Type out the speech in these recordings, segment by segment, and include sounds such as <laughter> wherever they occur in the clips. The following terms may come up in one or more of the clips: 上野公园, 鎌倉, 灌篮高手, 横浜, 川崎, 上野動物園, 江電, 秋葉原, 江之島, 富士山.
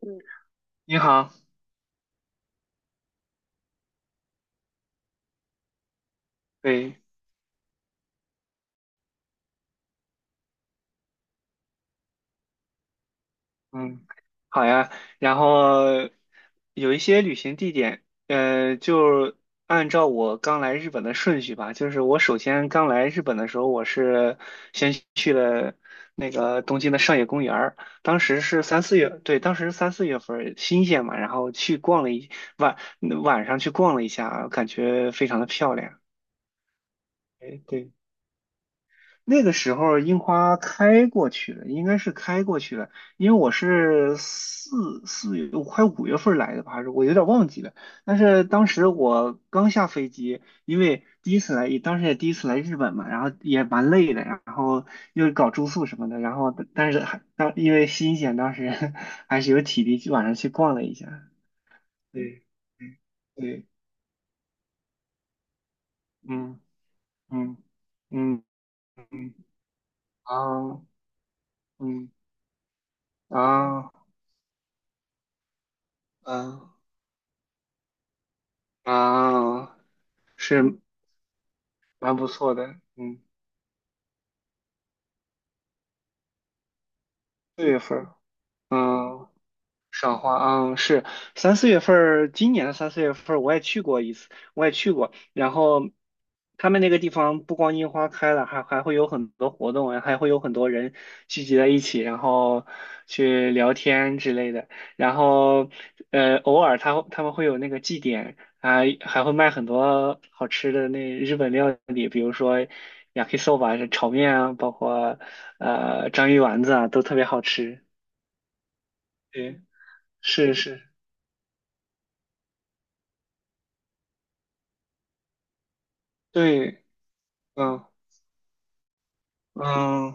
嗯你好，对，嗯，好呀。然后有一些旅行地点，就按照我刚来日本的顺序吧。就是我首先刚来日本的时候，我是先去了那个东京的上野公园儿，当时是三四月，对，当时是三四月份儿新鲜嘛，然后去逛了一晚晚上去逛了一下，感觉非常的漂亮。哎，对。那个时候樱花开过去了，应该是开过去了，因为我是四月快5月份来的吧，还是我有点忘记了。但是当时我刚下飞机，因为第一次来，当时也第一次来日本嘛，然后也蛮累的，然后又搞住宿什么的，然后但是因为新鲜，当时 <laughs> 还是有体力去晚上去逛了一下。嗯对，对，对，嗯嗯嗯嗯啊嗯啊嗯。啊，是蛮不错的，嗯，四月份儿，嗯，赏花，嗯，是三四月份儿，今年的三四月份儿我也去过一次，我也去过。然后他们那个地方不光樱花开了，还会有很多活动，还会有很多人聚集在一起，然后去聊天之类的。然后偶尔他们会有那个祭典，还会卖很多好吃的那日本料理，比如说 yakisoba 是炒面啊，包括章鱼丸子啊，都特别好吃。对，是是。对，嗯嗯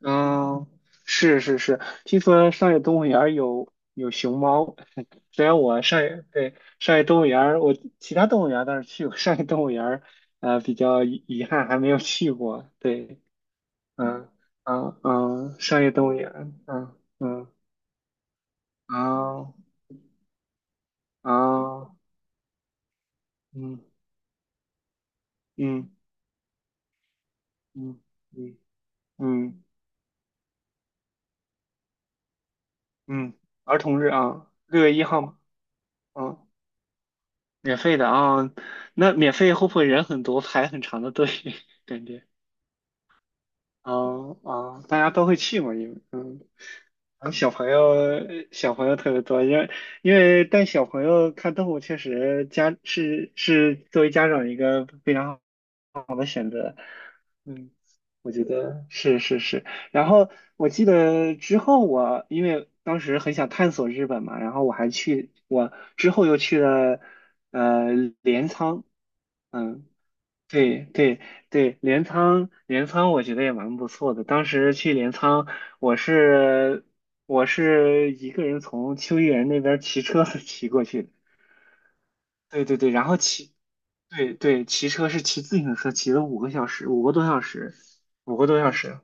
嗯，是是是，听说上野动物园儿有熊猫，<laughs> 虽然我对，上野动物园儿其他动物园儿倒是去过，上野动物园儿比较遗憾还没有去过。对，嗯嗯嗯，上野动物园儿嗯嗯啊啊嗯嗯嗯嗯嗯嗯，嗯儿童日啊，6月1号嘛，嗯。免费的啊，那免费会不会人很多，排很长的队？<laughs> 感觉哦哦，大家都会去嘛，因为嗯，然后小朋友特别多，因为带小朋友看动物确实是作为家长一个非常好，嗯，我觉得是是是。然后我记得之后我因为当时很想探索日本嘛，然后我之后又去了呃镰仓。嗯，对对对，镰仓我觉得也蛮不错的。当时去镰仓，我是一个人从秋叶原那边骑车 <laughs> 骑过去的。对对对，然后对对，骑车是骑自行车，骑了5个小时，五个多小时，五个多小时，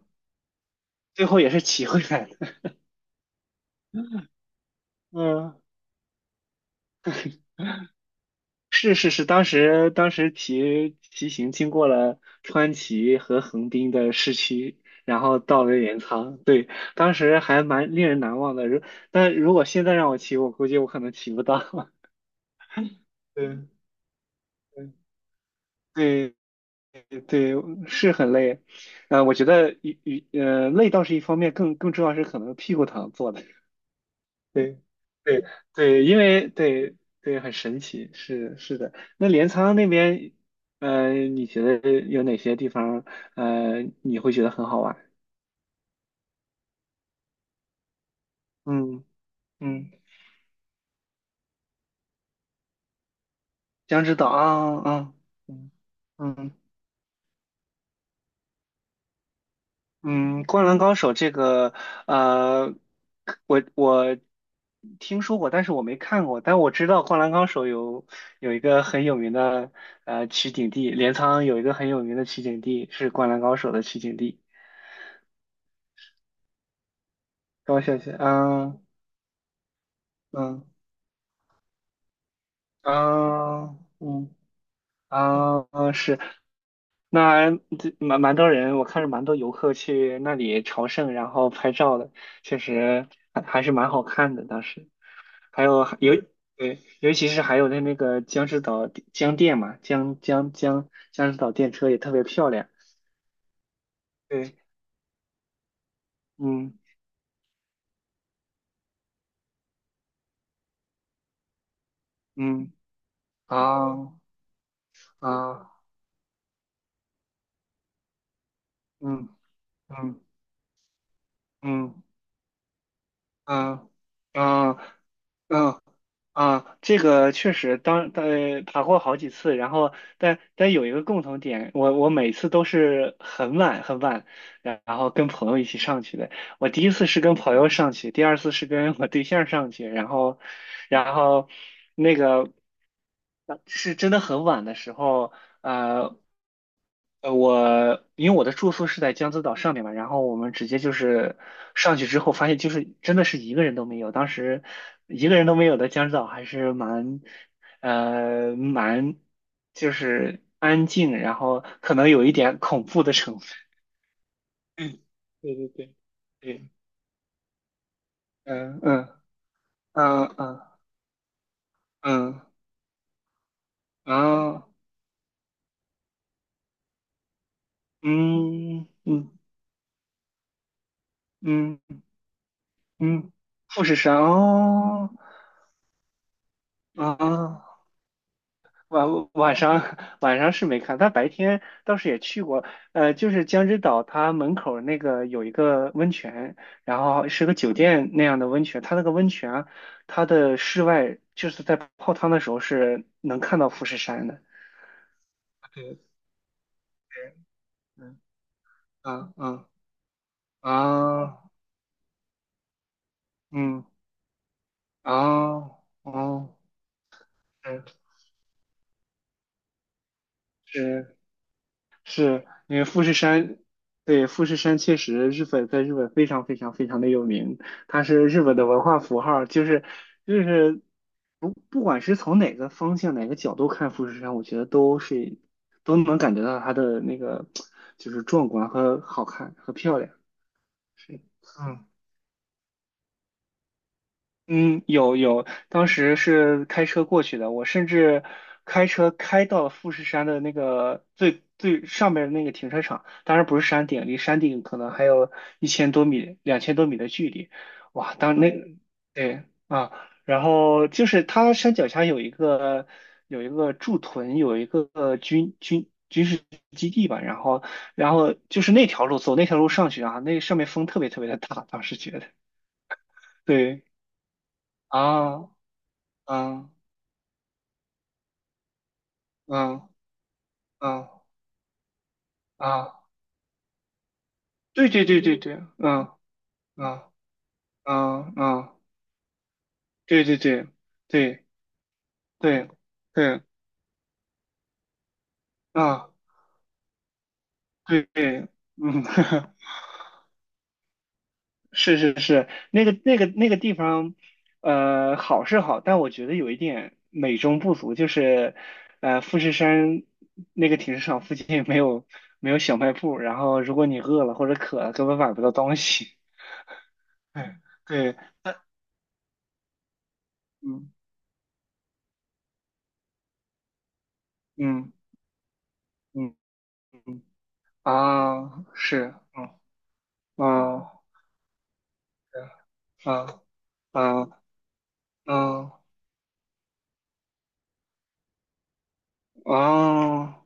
最后也是骑回来的。<laughs> 嗯。是是是，当时骑行经过了川崎和横滨的市区，然后到了镰仓，对，当时还蛮令人难忘的。但如果现在让我骑，我估计我可能骑不到。<laughs> 对对，对对，是很累。我觉得一一呃累倒是一方面，更重要是可能屁股疼坐的。对对对，因为对对很神奇，是是的。那镰仓那边，你觉得有哪些地方，你会觉得很好玩？嗯嗯，江之岛啊啊嗯嗯嗯，《灌篮高手》这个，呃，我听说过，但是我没看过，但我知道《灌篮高手》有有一个很有名的取景地，镰仓有一个很有名的取景地是《灌篮高手》的取景地。高小姐，嗯嗯嗯嗯啊，嗯是，那这蛮多人，我看着蛮多游客去那里朝圣，然后拍照的，确实还是蛮好看的。当时还有尤对，尤其是还有那个江之岛江电嘛，江之岛电车也特别漂亮。对，嗯嗯啊啊嗯嗯嗯嗯啊啊。嗯啊，这个确实爬过好几次，然后但有一个共同点，我每次都是很晚很晚，然后跟朋友一起上去的。我第一次是跟朋友上去，第二次是跟我对象上去，然后然后那个是真的很晚的时候，呃。我因为我的住宿是在江之岛上面嘛，然后我们直接就是上去之后发现，就是真的是一个人都没有。当时一个人都没有的江之岛还是蛮就是安静，然后可能有一点恐怖的成分。<laughs> 对对对对，嗯嗯嗯嗯嗯，然后嗯嗯嗯嗯，富士山哦，啊晚晚上 <laughs> 晚上是没看，但白天倒是也去过，就是江之岛，它门口那个有一个温泉，然后是个酒店那样的温泉，它那个温泉啊它的室外就是在泡汤的时候是能看到富士山的。对，嗯啊嗯啊嗯啊哦哦，是是因为富士山，对，富士山确实在日本非常非常非常的有名，它是日本的文化符号，就是不管是从哪个方向哪个角度看富士山，我觉得都能感觉到它的那个就是壮观和好看和漂亮，是，嗯，有有，当时是开车过去的，我甚至开车开到了富士山的那个最最上面的那个停车场，当然不是山顶，离山顶可能还有1000多米、2000多米的距离。哇，当那对啊，然后就是它山脚下有一个有一个驻屯，有一个军事基地吧，然后就是那条路走那条路上去啊，那上面风特别特别的大，当时觉得对。啊嗯嗯嗯啊，对对对对对，嗯嗯嗯嗯，对对对对对对，啊对对，嗯，<laughs> 是是是，那个地方，好是好，但我觉得有一点美中不足，就是富士山那个停车场附近没有小卖部，然后如果你饿了或者渴了，根本买不到东西。<laughs> 对对，但嗯嗯嗯。嗯啊，是，嗯，啊，啊，啊，啊，嗯啊。哦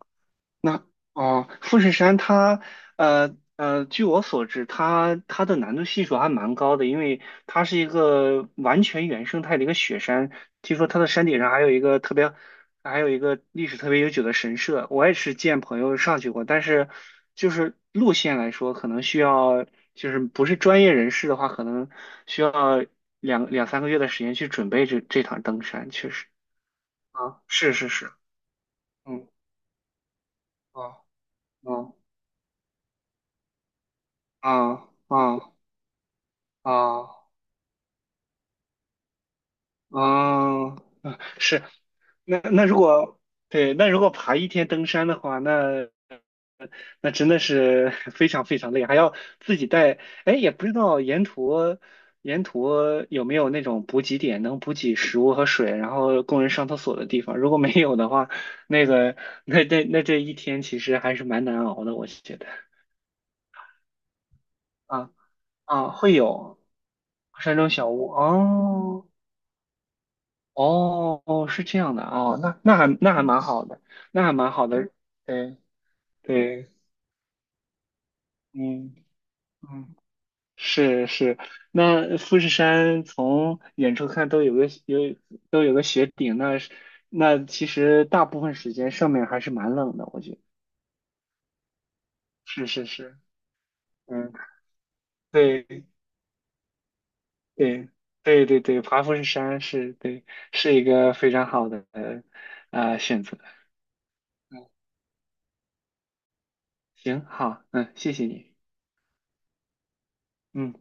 哦，富士山它，据我所知，它的难度系数还蛮高的，因为它是一个完全原生态的一个雪山。听说它的山顶上还有一个特别，还有一个历史特别悠久的神社。我也是见朋友上去过，但是就是路线来说，可能需要就是不是专业人士的话，可能需要两三个月的时间去准备这场登山，确实啊，是是是，嗯，哦哦啊啊。啊，嗯，是，那那如果对，那如果爬一天登山的话，那真的是 <laughs> 非常非常累，还要自己带。哎，也不知道沿途有没有那种补给点，能补给食物和水，然后供人上厕所的地方。如果没有的话，那个那那那这一天其实还是蛮难熬的，我觉得。啊啊，会有山中小屋哦。哦哦，是这样的哦，那还蛮好的，对对，嗯嗯，是是，那富士山从远处看都有个雪顶，那其实大部分时间上面还是蛮冷的，我觉得是是是，嗯，对对对对对，爬富士山对，是一个非常好的选择，嗯，行好，嗯，谢谢你，嗯。